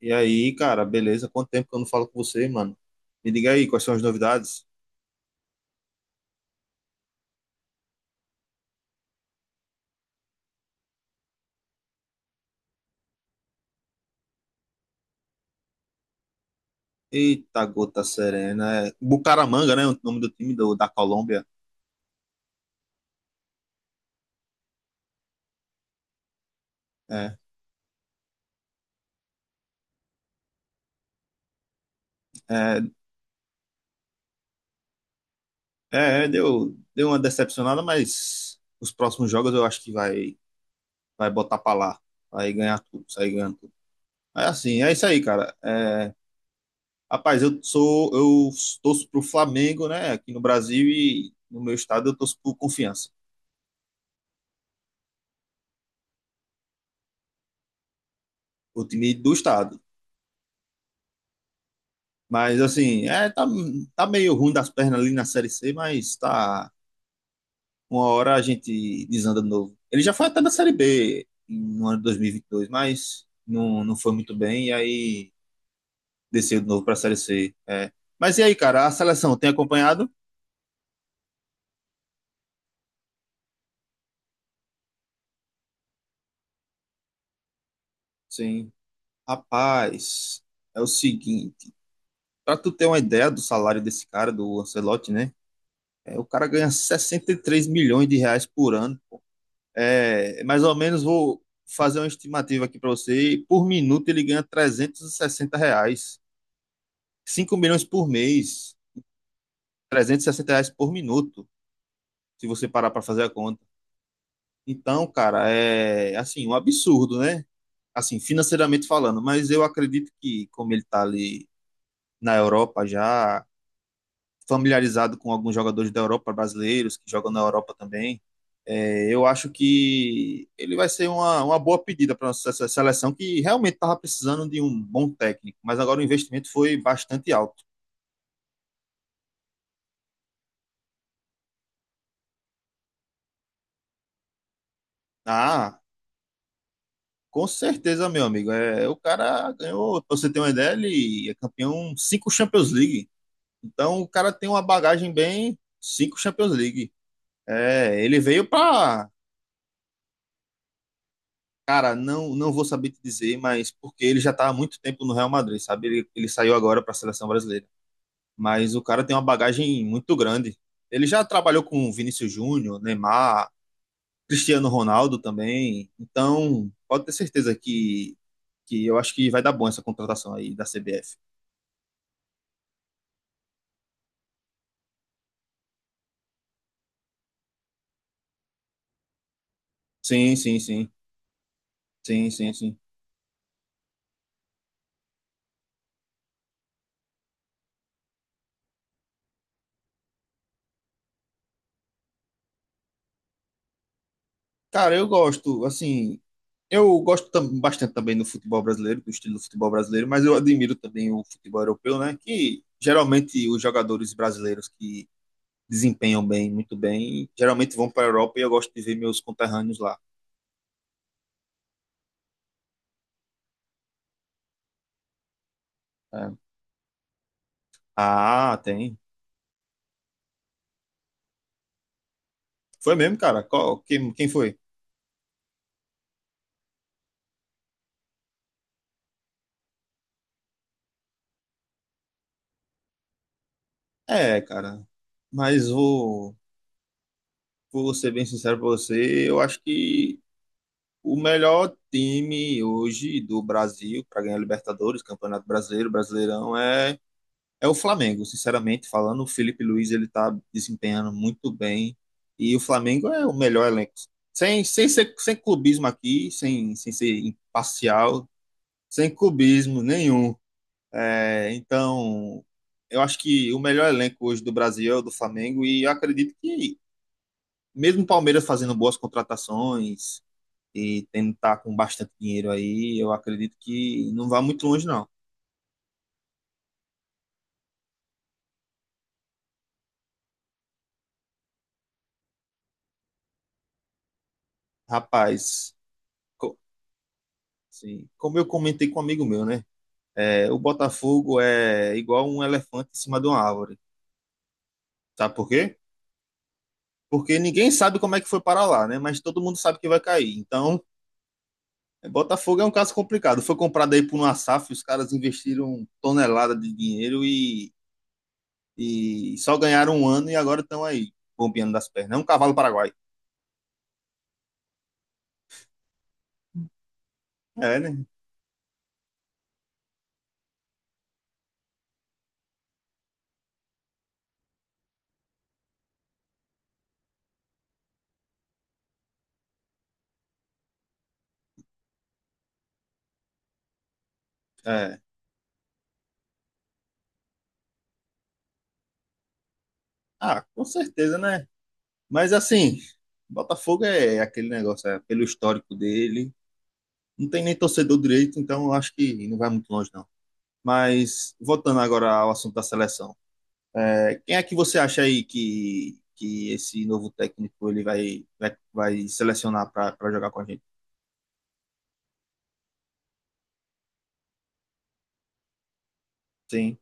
E aí, cara, beleza? Quanto tempo que eu não falo com você, mano? Me diga aí, quais são as novidades? Eita, gota serena. É, Bucaramanga, né? O nome do da Colômbia. É, é, é, é, deu uma decepcionada, mas os próximos jogos eu acho que vai botar pra lá. Vai ganhar tudo, sair ganhando tudo. É assim, é isso aí, cara. É, rapaz, eu torço pro Flamengo, né? Aqui no Brasil e no meu estado eu torço pro Confiança. O time do estado. Mas assim, tá, tá meio ruim das pernas ali na Série C, mas tá. Uma hora a gente desanda de novo. Ele já foi até da Série B no ano de 2022, mas não foi muito bem, e aí desceu de novo pra Série C. É. Mas e aí, cara, a seleção tem acompanhado? Sim. Rapaz, é o seguinte. Pra tu ter uma ideia do salário desse cara, do Ancelotti, né? É, o cara ganha 63 milhões de reais por ano. É, mais ou menos vou fazer uma estimativa aqui para você. Por minuto ele ganha 360 reais. Cinco milhões por mês, 360 reais por minuto, se você parar para fazer a conta. Então, cara, é assim, um absurdo, né? Assim, financeiramente falando, mas eu acredito que, como ele tá ali na Europa já, familiarizado com alguns jogadores da Europa, brasileiros que jogam na Europa também, eu acho que ele vai ser uma boa pedida para a nossa seleção, que realmente estava precisando de um bom técnico, mas agora o investimento foi bastante alto. Ah, com certeza, meu amigo. É, o cara ganhou, pra você ter uma ideia, ele é campeão cinco Champions League. Então o cara tem uma bagagem bem cinco Champions League. É, ele veio para, cara, não vou saber te dizer, mas porque ele já está há muito tempo no Real Madrid, sabe? Ele saiu agora para a seleção brasileira. Mas o cara tem uma bagagem muito grande. Ele já trabalhou com Vinícius Júnior, Neymar, Cristiano Ronaldo também. Então, pode ter certeza que eu acho que vai dar bom essa contratação aí da CBF. Sim, sim, sim. Sim, sim, sim. Cara, eu gosto, assim, eu gosto bastante também do futebol brasileiro, do estilo do futebol brasileiro, mas eu admiro também o futebol europeu, né? Que geralmente os jogadores brasileiros que desempenham bem, muito bem, geralmente vão para a Europa e eu gosto de ver meus conterrâneos lá. É. Ah, tem. Foi mesmo, cara? Quem, quem foi? É, cara. Mas vou ser bem sincero pra você, eu acho que o melhor time hoje do Brasil para ganhar Libertadores, Campeonato Brasileiro, Brasileirão é o Flamengo. Sinceramente falando, o Felipe Luiz ele tá desempenhando muito bem e o Flamengo é o melhor elenco. Sem clubismo aqui, sem ser imparcial, sem clubismo nenhum. É, então, eu acho que o melhor elenco hoje do Brasil é o do Flamengo e eu acredito que mesmo o Palmeiras fazendo boas contratações e tendo tá com bastante dinheiro aí, eu acredito que não vai muito longe não. Rapaz, co- assim, como eu comentei com um amigo meu, né? É, o Botafogo é igual um elefante em cima de uma árvore. Sabe por quê? Porque ninguém sabe como é que foi parar lá, né? Mas todo mundo sabe que vai cair. Então, Botafogo é um caso complicado. Foi comprado aí por uma SAF, os caras investiram tonelada de dinheiro e só ganharam um ano e agora estão aí, bombeando das pernas. É um cavalo paraguai. É, né? É. Ah, com certeza, né? Mas assim, Botafogo é aquele negócio, é pelo histórico dele. Não tem nem torcedor direito, então eu acho que não vai muito longe, não. Mas voltando agora ao assunto da seleção. É, quem é que você acha aí que esse novo técnico ele vai selecionar para jogar com a gente? Sim.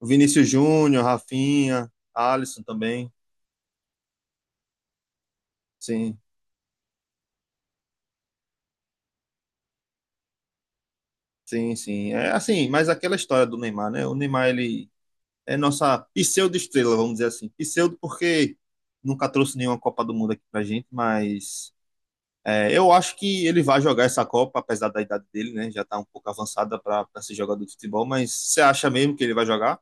O Vinícius Júnior, Rafinha, Alisson também. Sim, sim, sim. É assim, mas aquela história do Neymar, né? O Neymar, ele é nossa pseudo-estrela, vamos dizer assim. Pseudo porque nunca trouxe nenhuma Copa do Mundo aqui pra gente, mas é, eu acho que ele vai jogar essa Copa, apesar da idade dele, né? Já tá um pouco avançada para ser jogador de futebol, mas você acha mesmo que ele vai jogar?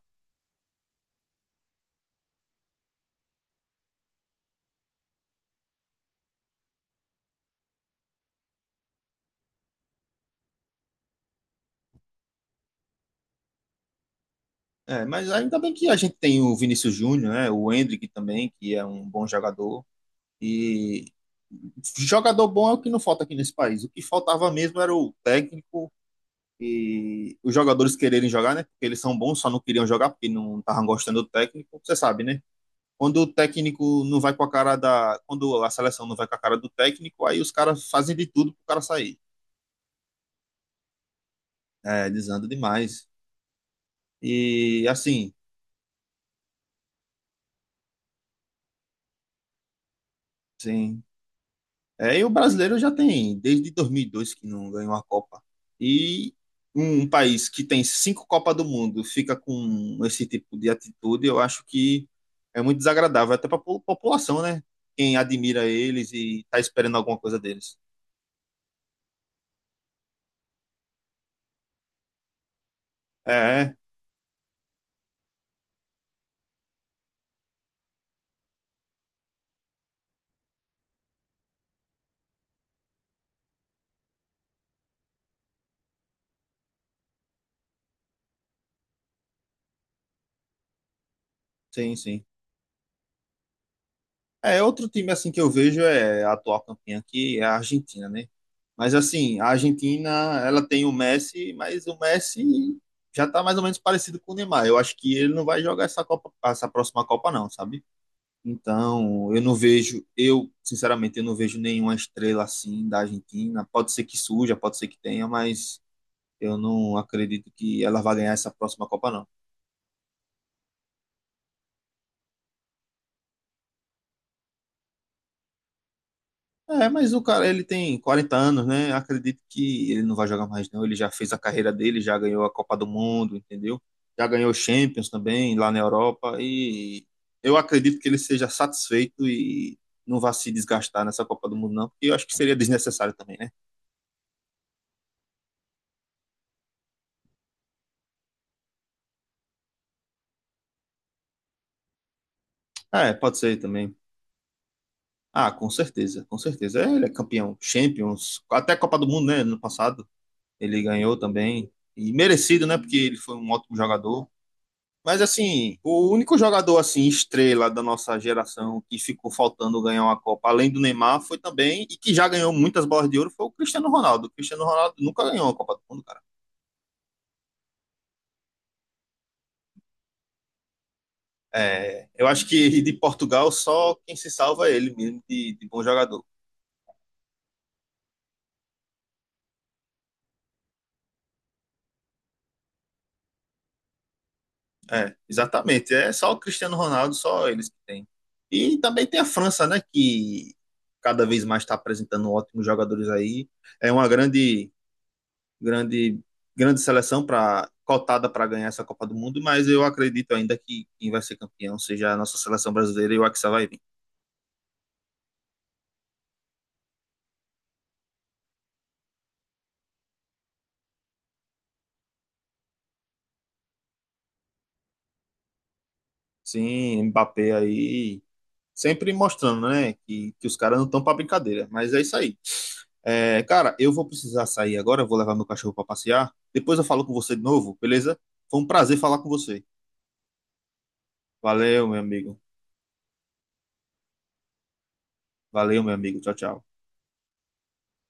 É, mas ainda bem que a gente tem o Vinícius Júnior, né? O Endrick também, que é um bom jogador. E jogador bom é o que não falta aqui nesse país. O que faltava mesmo era o técnico e os jogadores quererem jogar, né? Porque eles são bons, só não queriam jogar porque não estavam gostando do técnico. Você sabe, né? Quando o técnico não vai com a cara da. Quando a seleção não vai com a cara do técnico, aí os caras fazem de tudo pro cara sair. É, desanda demais. E assim, sim, é, e o brasileiro já tem, desde 2002 que não ganhou uma Copa. E um um país que tem cinco Copas do Mundo fica com esse tipo de atitude, eu acho que é muito desagradável, até para a população, né? Quem admira eles e tá esperando alguma coisa deles. É, é, sim, sim. É, outro time assim que eu vejo é a atual campeã que é a Argentina, né? Mas assim, a Argentina, ela tem o Messi, mas o Messi já tá mais ou menos parecido com o Neymar. Eu acho que ele não vai jogar essa Copa, essa próxima Copa não, sabe? Então, eu não vejo, eu, sinceramente, eu não vejo nenhuma estrela assim da Argentina. Pode ser que surja, pode ser que tenha, mas eu não acredito que ela vá ganhar essa próxima Copa não. É, mas o cara, ele tem 40 anos, né? Acredito que ele não vai jogar mais, não. Ele já fez a carreira dele, já ganhou a Copa do Mundo, entendeu? Já ganhou Champions também lá na Europa. E eu acredito que ele seja satisfeito e não vá se desgastar nessa Copa do Mundo, não, porque eu acho que seria desnecessário também, né? É, pode ser também. Ah, com certeza, com certeza. É, ele é campeão. Champions, até Copa do Mundo, né? No passado, ele ganhou também. E merecido, né? Porque ele foi um ótimo jogador. Mas assim, o único jogador assim estrela da nossa geração que ficou faltando ganhar uma Copa, além do Neymar, foi também e que já ganhou muitas bolas de ouro foi o Cristiano Ronaldo. O Cristiano Ronaldo nunca ganhou uma Copa do Mundo, cara. É, eu acho que de Portugal só quem se salva é ele mesmo de bom jogador. É, exatamente. É só o Cristiano Ronaldo, só eles que têm. E também tem a França, né, que cada vez mais está apresentando ótimos jogadores aí. É uma grande, grande seleção para cotada para ganhar essa Copa do Mundo, mas eu acredito ainda que quem vai ser campeão seja a nossa seleção brasileira e o Hexa vai vir. Sim, Mbappé aí sempre mostrando, né, que os caras não estão para brincadeira, mas é isso aí. É, cara, eu vou precisar sair agora, vou levar meu cachorro para passear. Depois eu falo com você de novo, beleza? Foi um prazer falar com você. Valeu, meu amigo. Valeu, meu amigo. Tchau, tchau.